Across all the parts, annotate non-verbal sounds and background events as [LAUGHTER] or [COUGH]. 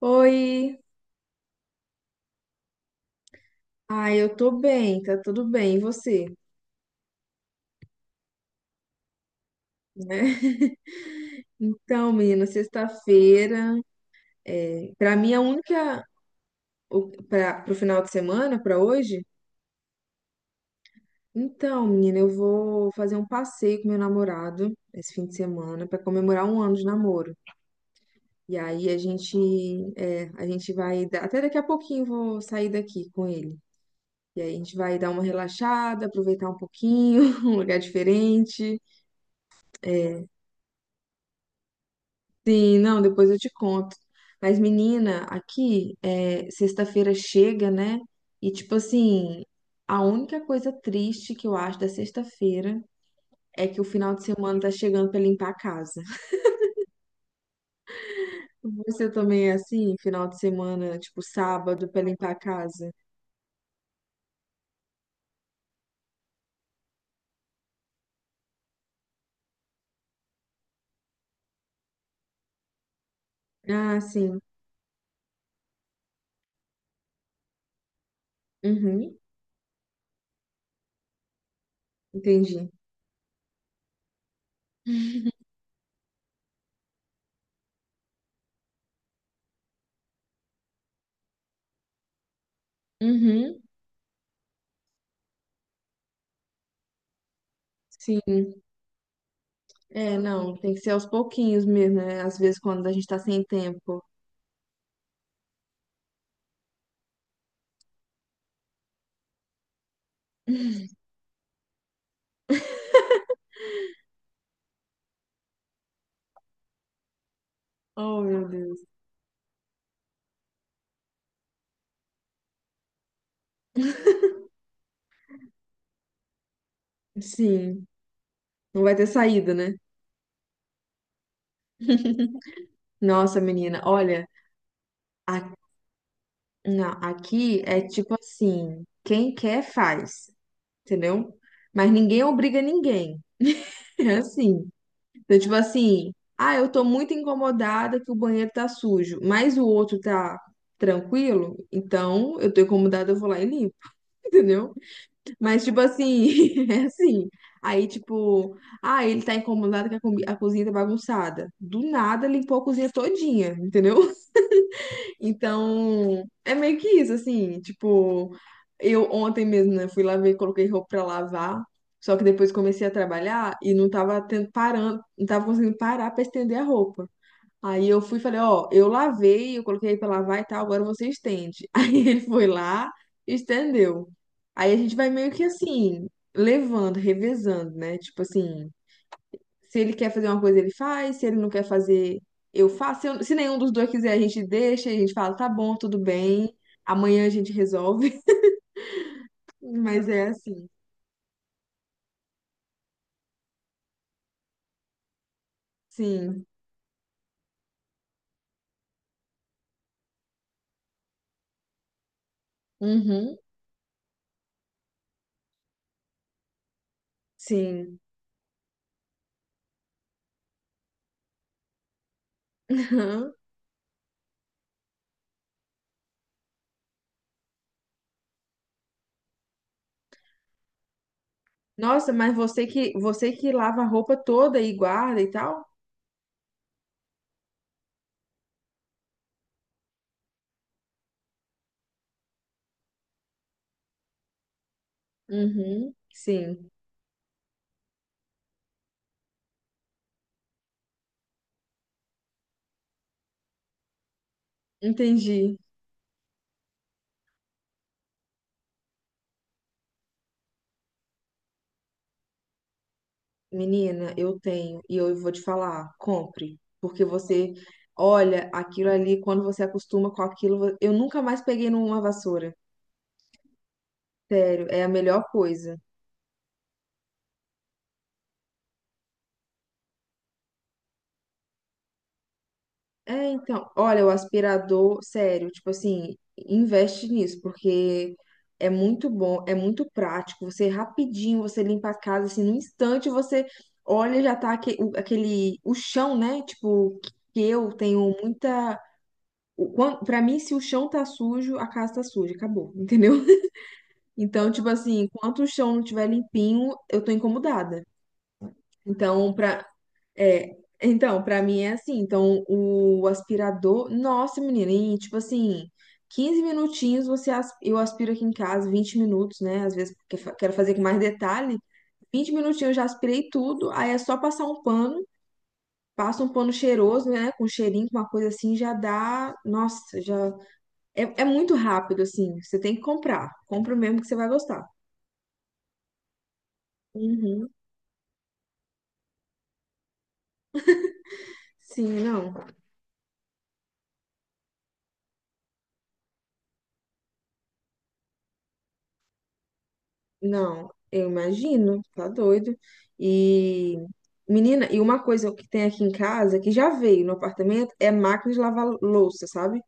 Oi, ai, eu tô bem, tá tudo bem, e você? Né? [LAUGHS] Então, menina, sexta-feira, para mim é a única, para pro final de semana, pra hoje. Então, menina, eu vou fazer um passeio com meu namorado esse fim de semana pra comemorar 1 ano de namoro. E aí a gente, é, a gente vai, dar- até daqui a pouquinho eu vou sair daqui com ele. E aí a gente vai dar uma relaxada, aproveitar um pouquinho, [LAUGHS] um lugar diferente. é, Sim, não, depois eu te conto. Mas, menina, aqui, sexta-feira chega, né? E, tipo assim, a única coisa triste que eu acho da sexta-feira é que o final de semana tá chegando pra limpar a casa. Você também é assim, final de semana, tipo sábado, pra limpar a casa? Ah, sim. Uhum, entendi. Uhum, sim. É, não, tem que ser aos pouquinhos mesmo, né? Às vezes, quando a gente tá sem tempo. Oh, meu Deus. Sim, não vai ter saída, né? Nossa, menina, olha, a- não, aqui é tipo assim, quem quer faz, entendeu? Mas ninguém obriga ninguém. [LAUGHS] É assim. Então, tipo assim, ah, eu tô muito incomodada que o banheiro tá sujo, mas o outro tá tranquilo, então eu tô incomodada, eu vou lá e limpo, [LAUGHS] entendeu? Mas, tipo assim, [LAUGHS] é assim. Aí, tipo, ah, ele tá incomodado que a cozinha tá bagunçada. Do nada limpou a cozinha todinha, entendeu? Então, é meio que isso, assim, tipo, eu ontem mesmo, né, fui lá ver, coloquei roupa pra lavar, só que depois comecei a trabalhar e não tava tendo, parando, não tava conseguindo parar pra estender a roupa. Aí eu fui e falei, ó, eu lavei, eu coloquei pra lavar e tal, agora você estende. [LAUGHS] Aí ele foi lá e estendeu. Aí a gente vai meio que assim, levando, revezando, né? Tipo assim, se ele quer fazer uma coisa, ele faz. Se ele não quer fazer, eu faço. Se nenhum dos dois quiser, a gente deixa, a gente fala, tá bom, tudo bem. Amanhã a gente resolve. [LAUGHS] Mas é assim. Sim. Uhum. Sim. [LAUGHS] Uhum. Nossa, mas você que lava a roupa toda e guarda e tal? Uhum. Sim. Entendi. Menina, eu tenho e eu vou te falar, compre, porque você olha aquilo ali, quando você acostuma com aquilo, eu nunca mais peguei numa vassoura. Sério, é a melhor coisa. É, então, olha, o aspirador, sério, tipo assim, investe nisso, porque é muito bom, é muito prático. Você rapidinho, você limpa a casa, assim, no instante você olha, já tá aquele, o chão, né? Tipo, que eu tenho muita. Pra mim, se o chão tá sujo, a casa tá suja, acabou, entendeu? [LAUGHS] Então, tipo assim, enquanto o chão não tiver limpinho, eu tô incomodada. Então, pra É, então, pra mim é assim. Então, o aspirador, nossa, menina, em tipo assim, 15 minutinhos eu aspiro aqui em casa, 20 minutos, né? Às vezes porque quero fazer com mais detalhe. 20 minutinhos eu já aspirei tudo, aí é só passar um pano, passa um pano cheiroso, né? Com cheirinho, com uma coisa assim, já dá. Nossa, já. É, é muito rápido, assim. Você tem que comprar. Compra o mesmo que você vai gostar. Uhum. Sim, não. Não, eu imagino, tá doido. E, menina, e uma coisa que tem aqui em casa, que já veio no apartamento, é máquina de lavar louça, sabe?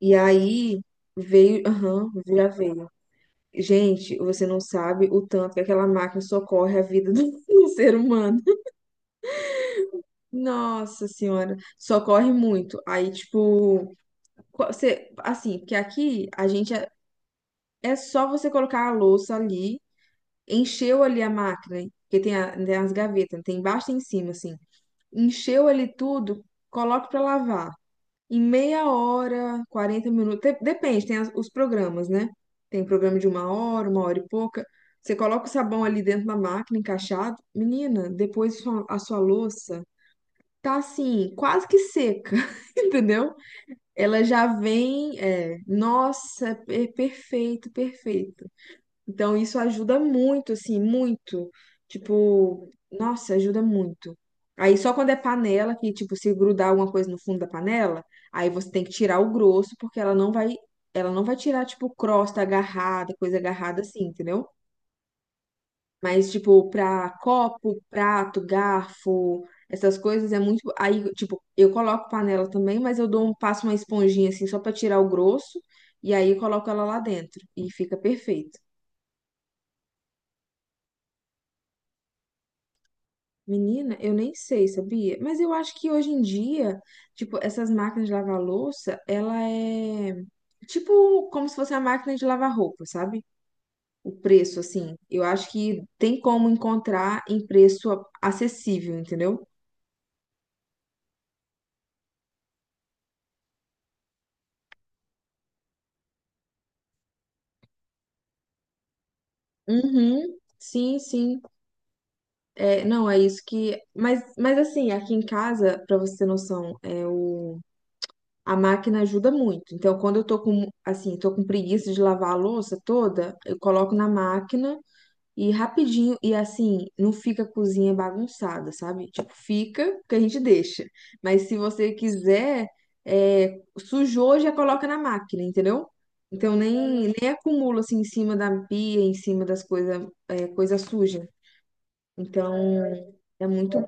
E aí veio, aham, já veio. Gente, você não sabe o tanto que aquela máquina socorre a vida do, [LAUGHS] do ser humano. Nossa Senhora, socorre muito. Aí, tipo, você, assim, porque aqui a gente é só você colocar a louça ali. Encheu ali a máquina, hein? Porque tem as gavetas, tem embaixo e em cima, assim. Encheu ali tudo, coloca pra lavar. Em meia hora, 40 minutos, depende, tem os programas, né? Tem programa de 1 hora, 1 hora e pouca. Você coloca o sabão ali dentro da máquina, encaixado. Menina, depois a sua louça tá assim, quase que seca, [LAUGHS] entendeu? Ela já vem, é, nossa, é perfeito, perfeito. Então, isso ajuda muito, assim, muito. Tipo, nossa, ajuda muito. Aí, só quando é panela, que, tipo, se grudar alguma coisa no fundo da panela, aí você tem que tirar o grosso, porque ela não vai tirar, tipo, crosta agarrada, coisa agarrada assim, entendeu? Mas, tipo, pra copo, prato, garfo, essas coisas é muito. Aí, tipo, eu coloco panela também, mas passo uma esponjinha, assim, só pra tirar o grosso, e aí eu coloco ela lá dentro, e fica perfeito. Menina, eu nem sei, sabia? Mas eu acho que hoje em dia, tipo, essas máquinas de lavar louça, ela é tipo como se fosse a máquina de lavar roupa, sabe? O preço, assim. Eu acho que tem como encontrar em preço acessível, entendeu? Uhum, sim, sim. É, não, é isso que. Mas, assim, aqui em casa, pra você ter noção, a máquina ajuda muito. Então, quando eu tô com preguiça de lavar a louça toda, eu coloco na máquina. E rapidinho, e assim, não fica a cozinha bagunçada, sabe? Tipo, fica que a gente deixa. Mas se você quiser, sujou, já coloca na máquina, entendeu? Então nem acumula assim em cima da pia, em cima das coisas, coisa suja. Então é muito.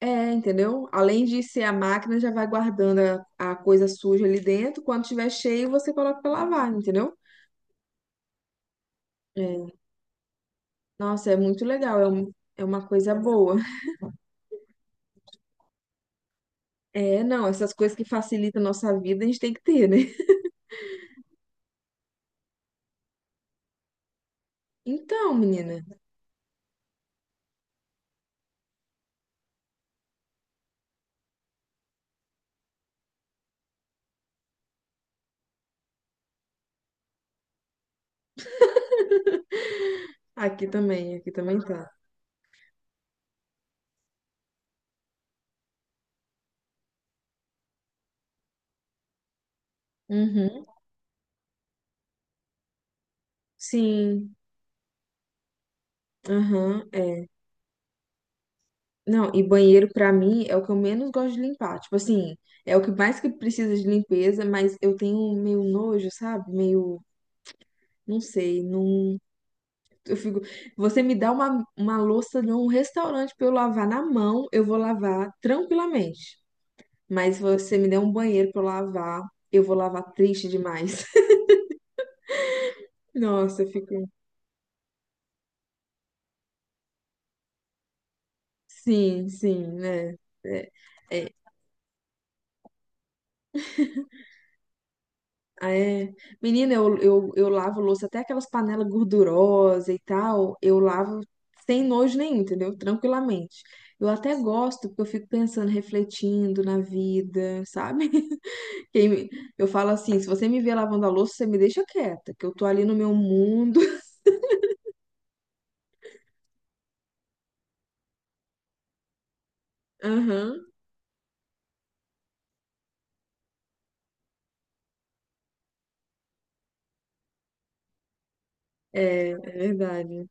É, entendeu? Além de ser a máquina, já vai guardando a coisa suja ali dentro. Quando tiver cheio, você coloca pra lavar, entendeu? É. Nossa, é muito legal. É, uma coisa boa. É, não, essas coisas que facilitam a nossa vida, a gente tem que ter, né? [LAUGHS] Então, menina, aqui também tá. Uhum. Sim, aham, é. Não, e banheiro pra mim é o que eu menos gosto de limpar. Tipo assim, é o que mais que precisa de limpeza, mas eu tenho meio nojo, sabe? Meio, não sei, não. Eu fico. Você me dá uma louça de um restaurante pra eu lavar na mão, eu vou lavar tranquilamente. Mas se você me der um banheiro pra eu lavar, eu vou lavar triste demais. Nossa, fico. Sim, sim, né? É, é, é. Menina, eu lavo louça, até aquelas panelas gordurosas e tal, eu lavo sem nojo nenhum, entendeu? Tranquilamente. Eu até gosto, porque eu fico pensando, refletindo na vida, sabe? [LAUGHS] Quem me- Eu falo assim: se você me vê lavando a louça, você me deixa quieta, que eu tô ali no meu mundo. [LAUGHS] Aham, é verdade.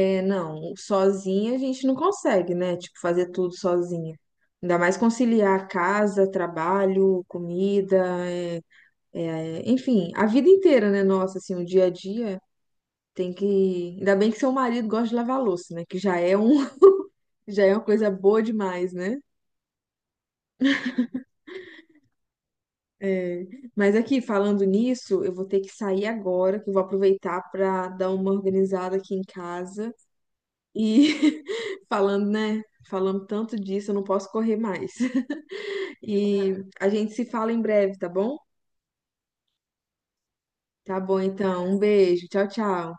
É, não, sozinha a gente não consegue, né? Tipo, fazer tudo sozinha. Ainda mais conciliar casa, trabalho, comida, é, enfim, a vida inteira, né? Nossa, assim, o dia a dia tem que. Ainda bem que seu marido gosta de lavar louça, né? Que já é um, [LAUGHS] já é uma coisa boa demais, né? É, mas aqui, falando nisso, eu vou ter que sair agora, que eu vou aproveitar para dar uma organizada aqui em casa. E [LAUGHS] falando, né? Falando tanto disso, eu não posso correr mais. E a gente se fala em breve, tá bom? Tá bom, então. Um beijo. Tchau, tchau.